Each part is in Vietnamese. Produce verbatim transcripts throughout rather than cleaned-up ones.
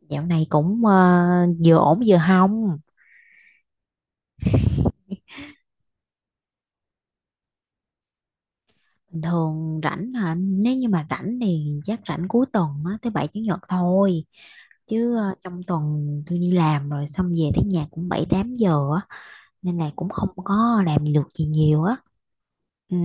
Dạo này cũng ờ, vừa ổn vừa hông. Bình thường rảnh hả? Nếu như mà rảnh thì chắc rảnh cuối tuần á, thứ bảy chủ nhật thôi. Chứ ờ, trong tuần tôi đi làm rồi, xong về tới nhà cũng bảy tám giờ á, nên là cũng không có làm được gì nhiều á. Ừ.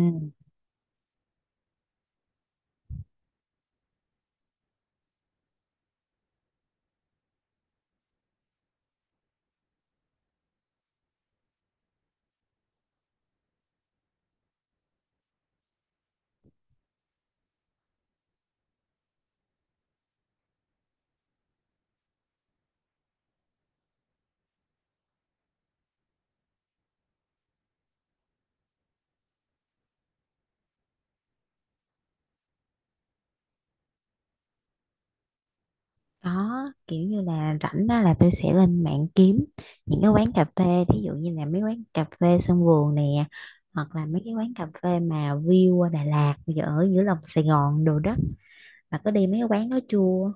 Đó kiểu như là rảnh á, là tôi sẽ lên mạng kiếm những cái quán cà phê. Thí dụ như là mấy quán cà phê sân vườn nè, hoặc là mấy cái quán cà phê mà view qua Đà Lạt, ở giữa lòng Sài Gòn đồ đó. Bà có đi mấy cái quán đó chưa?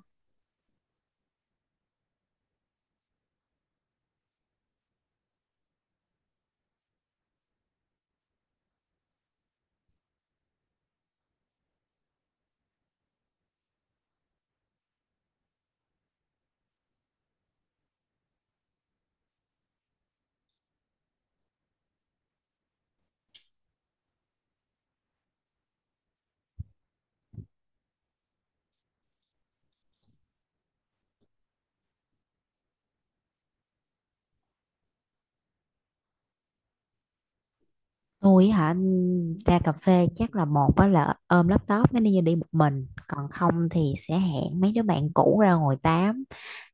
Tôi hả? Ừm, ra cà phê chắc là một á là ôm laptop nó đi, như đi một mình, còn không thì sẽ hẹn mấy đứa bạn cũ ra ngồi tám,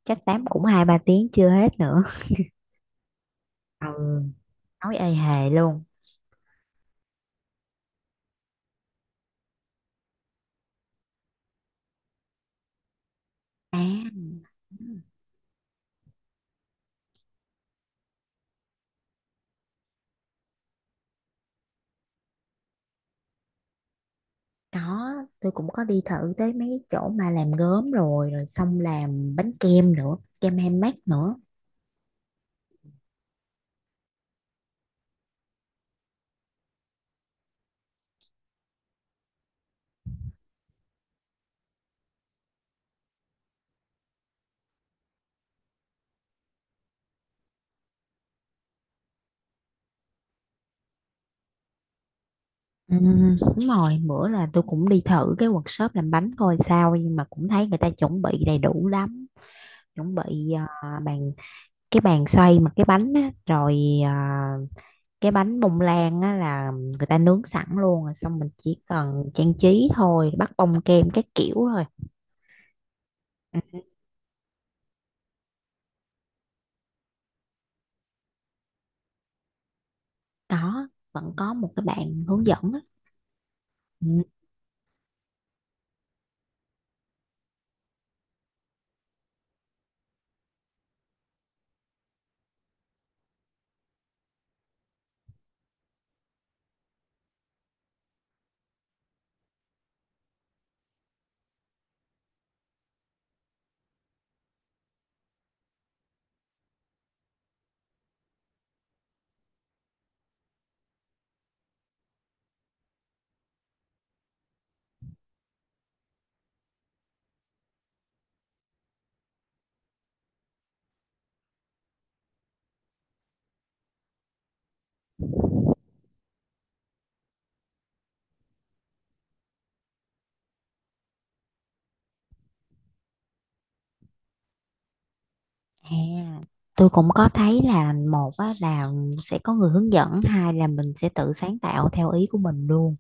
chắc tám cũng hai ba tiếng chưa hết nữa. Ừ, nói ê hề luôn. À, có, tôi cũng có đi thử tới mấy cái chỗ mà làm gốm rồi rồi xong làm bánh kem nữa, kem handmade nữa. Ừ, đúng rồi, bữa là tôi cũng đi thử cái workshop làm bánh coi sao, nhưng mà cũng thấy người ta chuẩn bị đầy đủ lắm. Chuẩn bị à, bàn, cái bàn xoay mà cái bánh á, rồi à, cái bánh bông lan á, là người ta nướng sẵn luôn rồi, xong mình chỉ cần trang trí thôi, bắt bông kem các kiểu thôi. Ừ, đó vẫn có một cái bạn hướng dẫn á. Ừ, à, tôi cũng có thấy là một á, là sẽ có người hướng dẫn, hai là mình sẽ tự sáng tạo theo ý của mình luôn.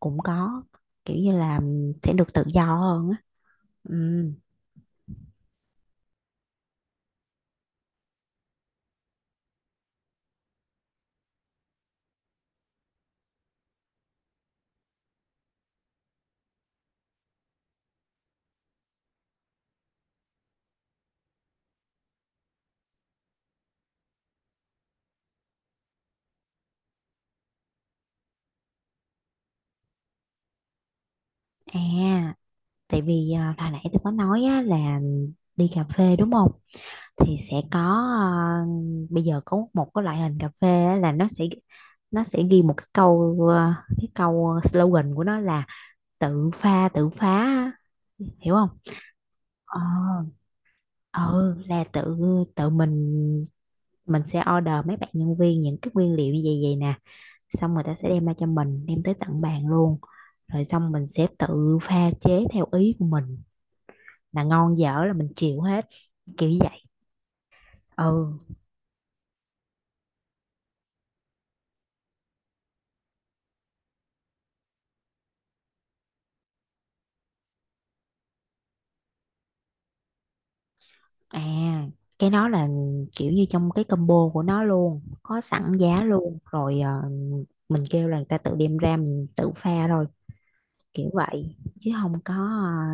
Cũng có, kiểu như là sẽ được tự do hơn á. Ừ. À, tại vì à, hồi nãy tôi có nói á, là đi cà phê đúng không, thì sẽ có à, bây giờ có một cái loại hình cà phê á, là nó sẽ nó sẽ ghi một cái câu, à, cái câu slogan của nó là tự pha tự phá á. Hiểu không? ờ ừ, là tự tự mình mình sẽ order mấy bạn nhân viên những cái nguyên liệu như vậy vậy nè, xong người ta sẽ đem ra cho mình, đem tới tận bàn luôn, rồi xong mình sẽ tự pha chế theo ý của mình, là ngon dở là mình chịu hết, kiểu như vậy. Ừ. À, cái đó là kiểu như trong cái combo của nó luôn có sẵn giá luôn rồi, ờ, mình kêu là người ta tự đem ra, mình tự pha thôi, kiểu vậy chứ không có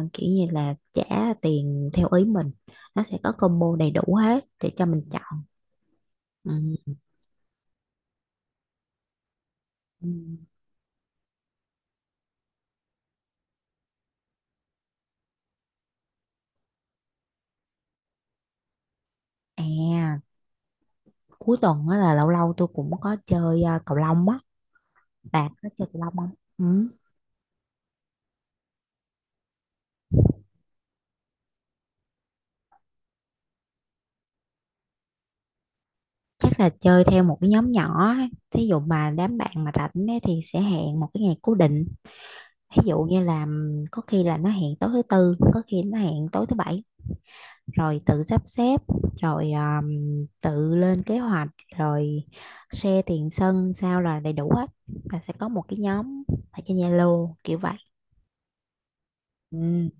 ờ, kiểu như là trả tiền theo ý mình. Nó sẽ có combo đầy đủ hết để cho mình chọn. Ừ. Ừ. À, cuối tuần á là lâu lâu tôi cũng có chơi ờ, cầu lông á. Bà có chơi cầu lông không? Ừ. Tức là chơi theo một cái nhóm nhỏ á. Thí dụ mà đám bạn mà rảnh ấy, thì sẽ hẹn một cái ngày cố định, ví dụ như là ừm, có khi là nó hẹn tối thứ tư, có khi nó hẹn tối thứ bảy, rồi tự sắp xếp, rồi ờm, tự lên kế hoạch, rồi share tiền sân sao là đầy đủ hết, là sẽ có một cái nhóm ở trên Zalo kiểu vậy. Ừ.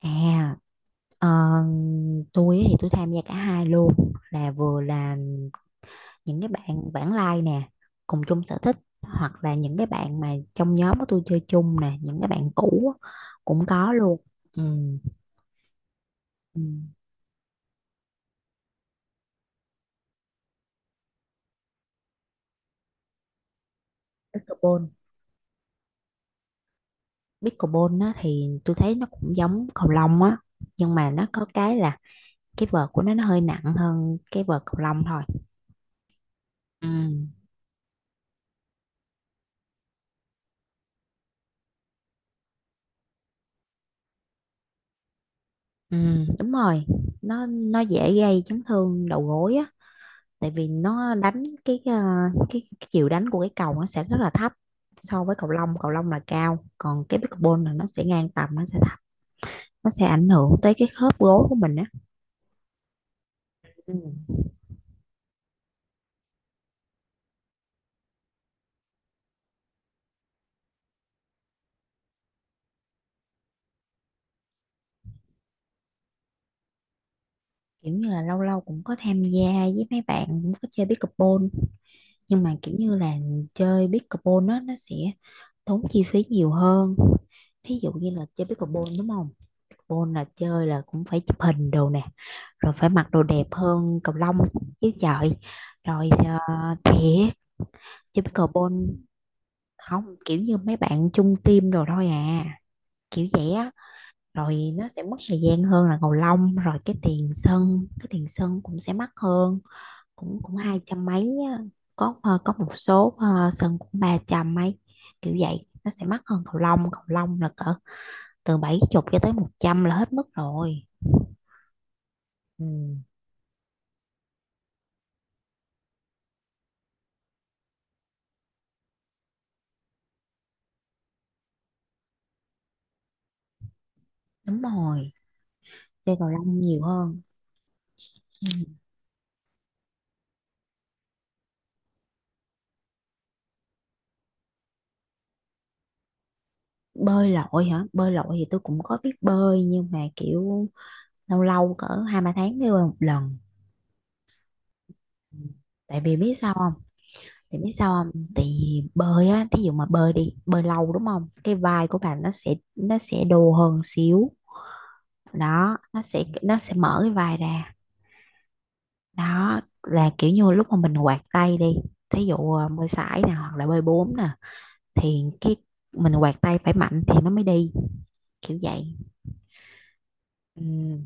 à ờ, tôi thì tôi tham gia cả hai luôn, là vừa là những cái bạn bản lai nè, cùng chung sở thích, hoặc là những cái bạn mà trong nhóm của tôi chơi chung nè, những cái bạn cũ á, cũng có luôn. Ừ. Ừ. Pickleball. Pickleball á, thì tôi thấy nó cũng giống cầu lông á, nhưng mà nó có cái là cái vợt của nó nó hơi nặng hơn cái vợt cầu lông thôi. Ừ. Ừ, đúng rồi, nó nó dễ gây chấn thương đầu gối á, tại vì nó đánh cái ờ, cái, cái chiều đánh của cái cầu nó sẽ rất là thấp, so với cầu lông. Cầu lông là cao, còn cái pickleball là nó sẽ ngang tầm, nó sẽ thấp, nó sẽ ảnh hưởng tới cái khớp gối của mình á. Ừ. Kiểu như là lâu lâu cũng có tham gia với mấy bạn cũng có chơi pickleball, nhưng mà kiểu như là chơi pickleball nó nó sẽ tốn chi phí nhiều hơn. Thí dụ như là chơi pickleball đúng không, full là chơi là cũng phải chụp hình đồ nè, rồi phải mặc đồ đẹp hơn cầu lông chứ trời, rồi uh, thiệt chứ pickleball. Không, kiểu như mấy bạn chung team đồ thôi à, kiểu vậy á. Rồi nó sẽ mất thời gian hơn là cầu lông, rồi cái tiền sân cái tiền sân cũng sẽ mắc hơn, cũng cũng hai trăm mấy á. Có ờ, có một số ờ, sân cũng ba trăm mấy, kiểu vậy. Nó sẽ mắc hơn cầu lông. Cầu lông là cỡ từ bảy chục cho tới một trăm là hết mức rồi. Ừ. Đúng rồi, chơi cầu lông nhiều hơn. Ừ. Bơi lội hả? Bơi lội thì tôi cũng có biết bơi, nhưng mà kiểu lâu lâu cỡ hai ba tháng mới bơi một lần. Ừ. Tại vì biết sao không? Thì biết sao không? Thì bơi á, thí dụ mà bơi đi, bơi lâu đúng không? Cái vai của bạn nó sẽ nó sẽ đồ hơn xíu. Đó, nó sẽ nó sẽ mở cái vai ra. Đó là kiểu như lúc mà mình quạt tay đi, thí dụ à, bơi sải nè, hoặc là bơi bốn nè, thì cái mình quạt tay phải mạnh thì nó mới đi, kiểu vậy. Ừ,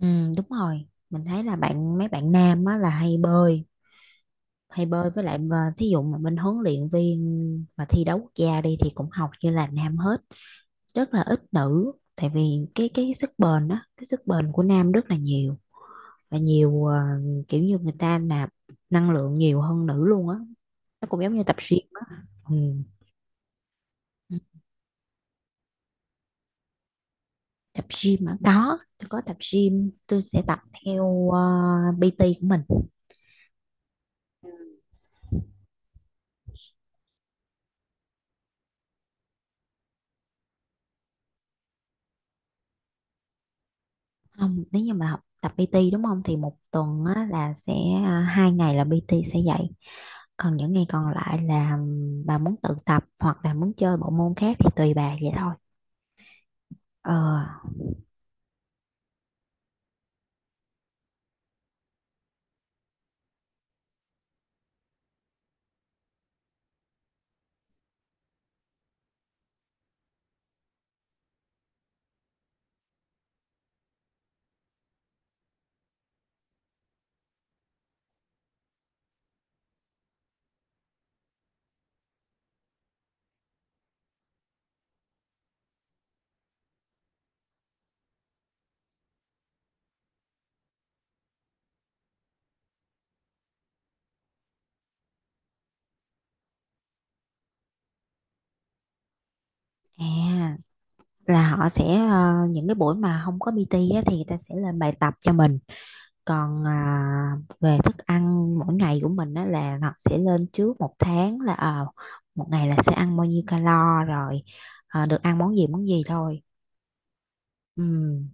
ừ, đúng rồi, mình thấy là bạn mấy bạn nam á là hay bơi hay bơi với lại mà thí dụ mà bên huấn luyện viên mà thi đấu quốc gia đi thì cũng học như là nam hết, rất là ít nữ, tại vì cái cái sức bền á, cái sức bền của nam rất là nhiều và nhiều ờ, kiểu như người ta nạp năng lượng nhiều hơn nữ luôn á, nó cũng giống như tập gym á. Ừ. Ừ, tập gym mà có, tôi có tập gym, tôi sẽ tập theo ờ, pê tê của mình. Không, nếu như mà học tập pê tê đúng không thì một tuần á, là sẽ à, hai ngày là pê tê sẽ dạy, còn những ngày còn lại là ừm, bà muốn tự tập hoặc là muốn chơi bộ môn khác thì tùy bà vậy thôi. ờ à là họ sẽ, ờ, những cái buổi mà không có pê tê á, thì người ta sẽ lên bài tập cho mình, còn à, về thức ăn mỗi ngày của mình á, là họ sẽ lên trước một tháng là ờ một ngày là sẽ ăn bao nhiêu calo rồi, ờ, được ăn món gì món gì thôi. Ừm,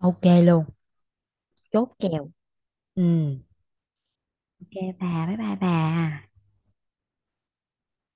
ok luôn, chốt kèo. Ừ, ok, bà, bye bye bà.